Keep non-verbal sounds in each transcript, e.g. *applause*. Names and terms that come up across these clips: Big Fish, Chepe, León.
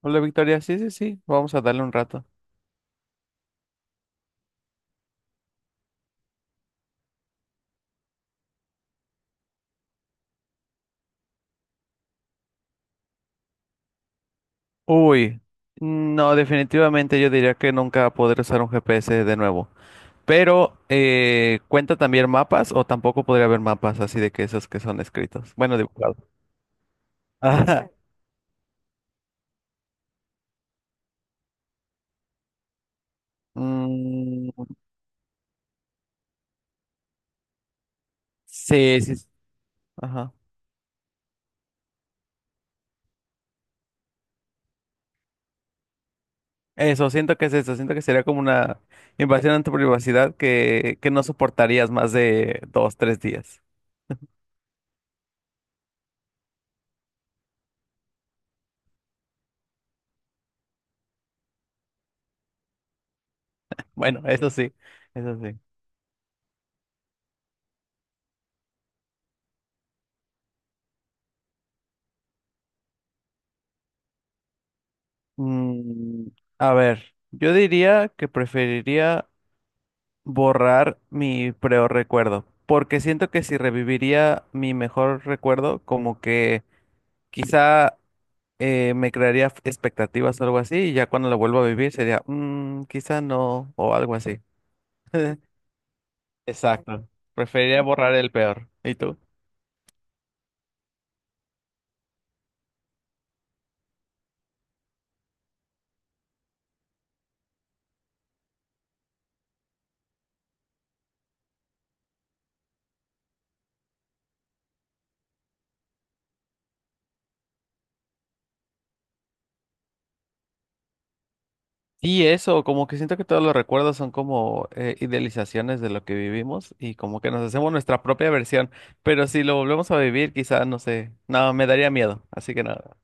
Hola Victoria, sí, sí, sí, vamos a darle un rato. Uy, no, definitivamente yo diría que nunca podré usar un GPS de nuevo. Pero, ¿cuenta también mapas o tampoco podría haber mapas así de que esos que son escritos? Bueno, dibujados. *laughs* Ajá. Mm, sí, sí, sí, ajá. Eso, siento que es eso, siento que sería como una invasión en tu privacidad que no soportarías más de dos, tres días. *laughs* Bueno, eso sí, eso sí. Mm, a ver, yo diría que preferiría borrar mi peor recuerdo, porque siento que si reviviría mi mejor recuerdo, como que quizá me crearía expectativas o algo así, y ya cuando lo vuelvo a vivir sería, "Mm, quizá no, o algo así. *laughs* Exacto. Preferiría borrar el peor. ¿Y tú? Y eso, como que siento que todos los recuerdos son como idealizaciones de lo que vivimos y como que nos hacemos nuestra propia versión, pero si lo volvemos a vivir, quizá, no sé, no, me daría miedo, así que nada.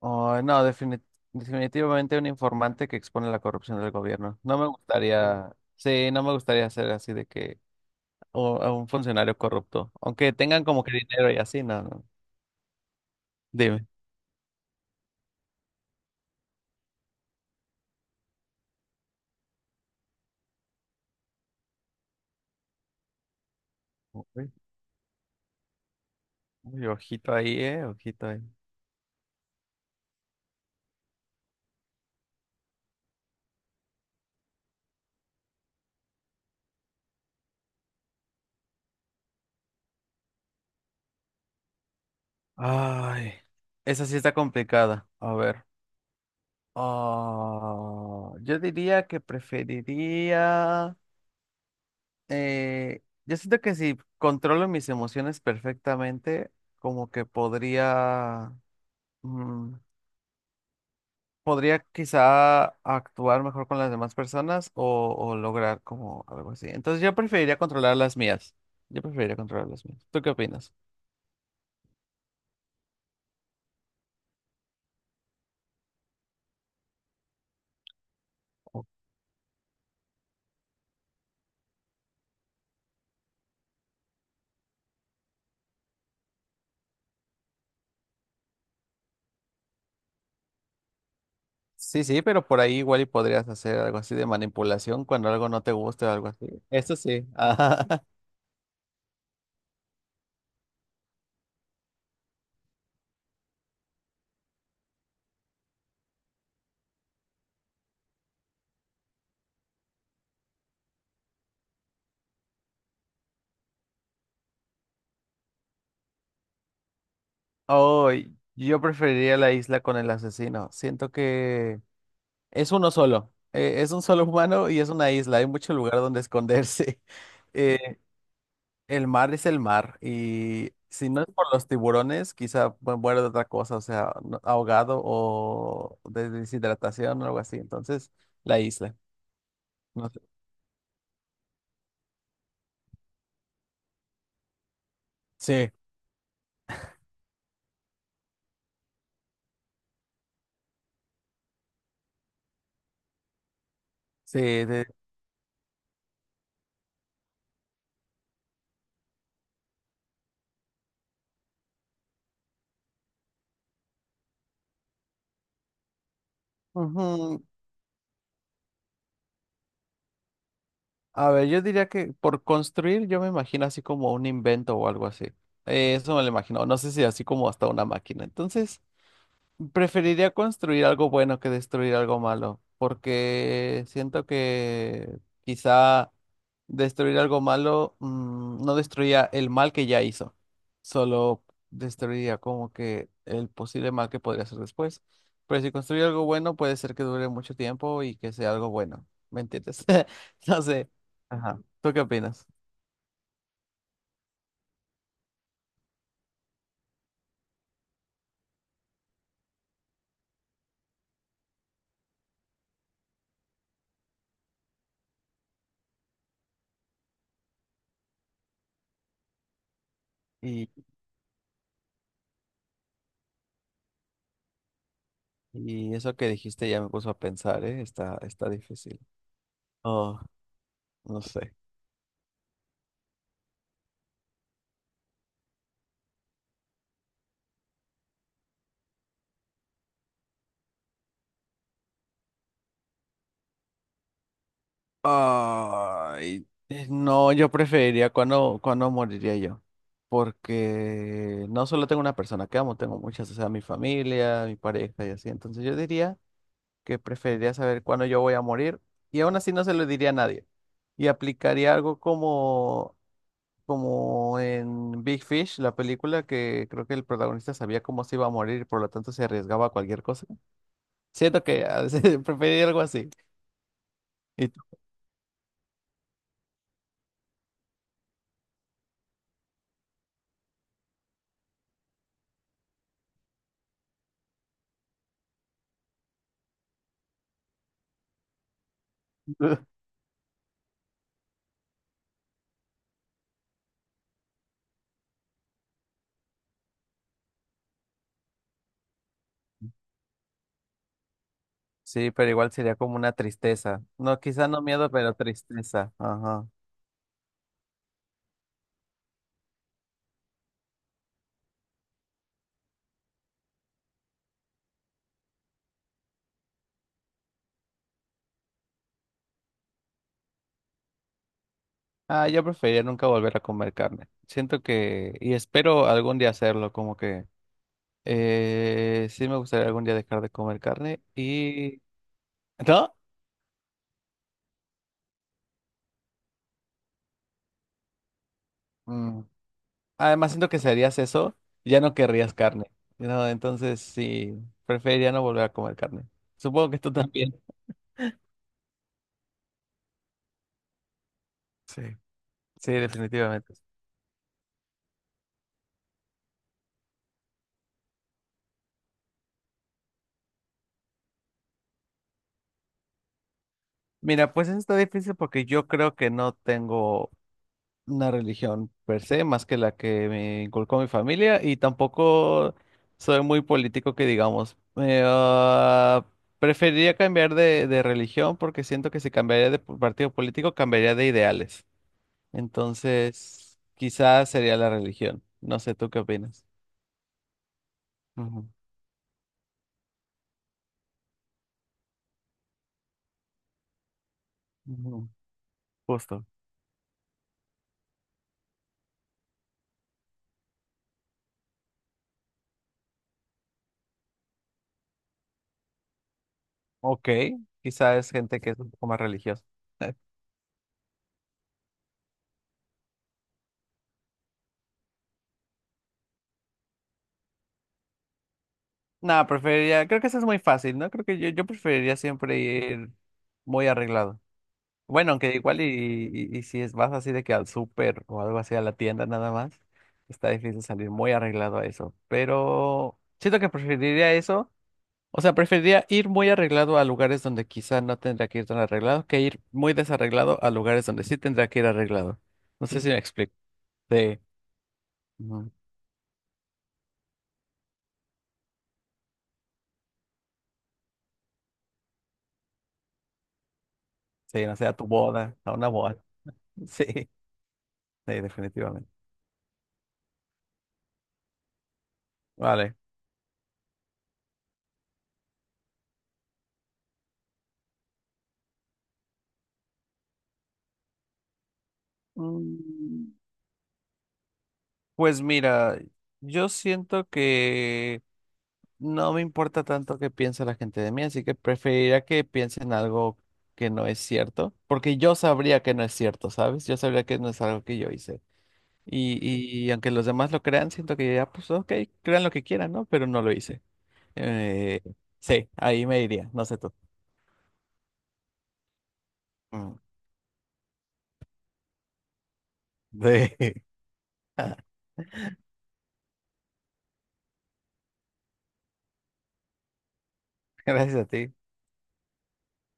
Ay, no, definitivamente un informante que expone la corrupción del gobierno. No me gustaría, sí, no me gustaría ser así de que o, a un funcionario corrupto, aunque tengan como que dinero y así, no, no. Dime. Uy, uy, ojito ahí, ojito ahí. Ay, esa sí está complicada. A ver. Ah, yo diría que preferiría. Yo siento que si controlo mis emociones perfectamente, como que podría. mm, Podría quizá actuar mejor con las demás personas o lograr como algo así. Entonces yo preferiría controlar las mías. Yo preferiría controlar las mías. ¿Tú qué opinas? O- Sí, sí, pero por ahí igual y podrías hacer algo así de manipulación cuando algo no te guste o algo así. Eso sí. Ajá. *laughs* Oh, yo preferiría la isla con el asesino. Siento que es uno solo. Es un solo humano y es una isla. Hay mucho lugar donde esconderse. *laughs* Eh, El mar es el mar y si no es por los tiburones, quizá muera de otra cosa, o sea, ahogado o de deshidratación o algo así. Entonces, la isla. No sé. Sí, sí. Ujú. A ver, yo diría que por construir yo me imagino así como un invento o algo así. Eso me lo imagino. No sé si así como hasta una máquina. Entonces, preferiría construir algo bueno que destruir algo malo, porque siento que quizá destruir algo malo no destruía el mal que ya hizo, solo destruiría como que el posible mal que podría hacer después. Pero si construye algo bueno, puede ser que dure mucho tiempo y que sea algo bueno, ¿me entiendes? *laughs* No sé. Ajá. ¿Tú qué opinas? Y, y eso que dijiste ya me puso a pensar, ¿eh? Está, está difícil. Oh, no sé. Ay, no, yo preferiría cuando moriría yo. Porque no solo tengo una persona que amo, tengo muchas, o sea, mi familia, mi pareja y así. Entonces yo diría que preferiría saber cuándo yo voy a morir y aún así no se lo diría a nadie. Y aplicaría algo como, como en Big Fish, la película que creo que el protagonista sabía cómo se iba a morir por lo tanto se arriesgaba a cualquier cosa. Siento que *laughs* preferiría algo así. ¿Y tú? Sí, pero igual sería como una tristeza. No, quizá no miedo, pero tristeza. Ajá. Ah, yo preferiría nunca volver a comer carne. Siento que, y espero algún día hacerlo, como que sí me gustaría algún día dejar de comer carne y. ¿No? Mm. Además, siento que si harías eso, ya no querrías carne. No, entonces sí, preferiría no volver a comer carne. Supongo que tú también. Sí, sí, definitivamente. Mira, pues eso está difícil porque yo creo que no tengo una religión per se, más que la que me inculcó mi familia, y tampoco soy muy político que digamos. Preferiría cambiar de religión porque siento que si cambiaría de partido político, cambiaría de ideales. Entonces, quizás sería la religión. No sé, ¿tú qué opinas? Ujú, ujú, justo. Ok, quizás es gente que es un poco más religiosa. *laughs* No, preferiría, creo que eso es muy fácil, ¿no? Creo que yo preferiría siempre ir muy arreglado. Bueno, aunque igual y si es, vas así de que al súper o algo así a la tienda nada más, está difícil salir muy arreglado a eso. Pero siento que preferiría eso. O sea, preferiría ir muy arreglado a lugares donde quizá no tendría que ir tan arreglado que ir muy desarreglado a lugares donde sí tendría que ir arreglado. No sé si me explico. Sí, ujú, sí, no sé, a tu boda, a una boda. *laughs* Sí, sí, definitivamente. Vale. Mm, Pues mira, yo siento que. No me importa tanto qué piense la gente de mí, así que preferiría que piensen algo que no es cierto, porque yo sabría que no es cierto, ¿sabes? Yo sabría que no es algo que yo hice. Y aunque los demás lo crean, siento que ya, pues ok, crean lo que quieran, ¿no? Pero no lo hice. Eh, sí, ahí me iría, no sé tú. Mm. *laughs* Sí, *laughs* gracias a ti.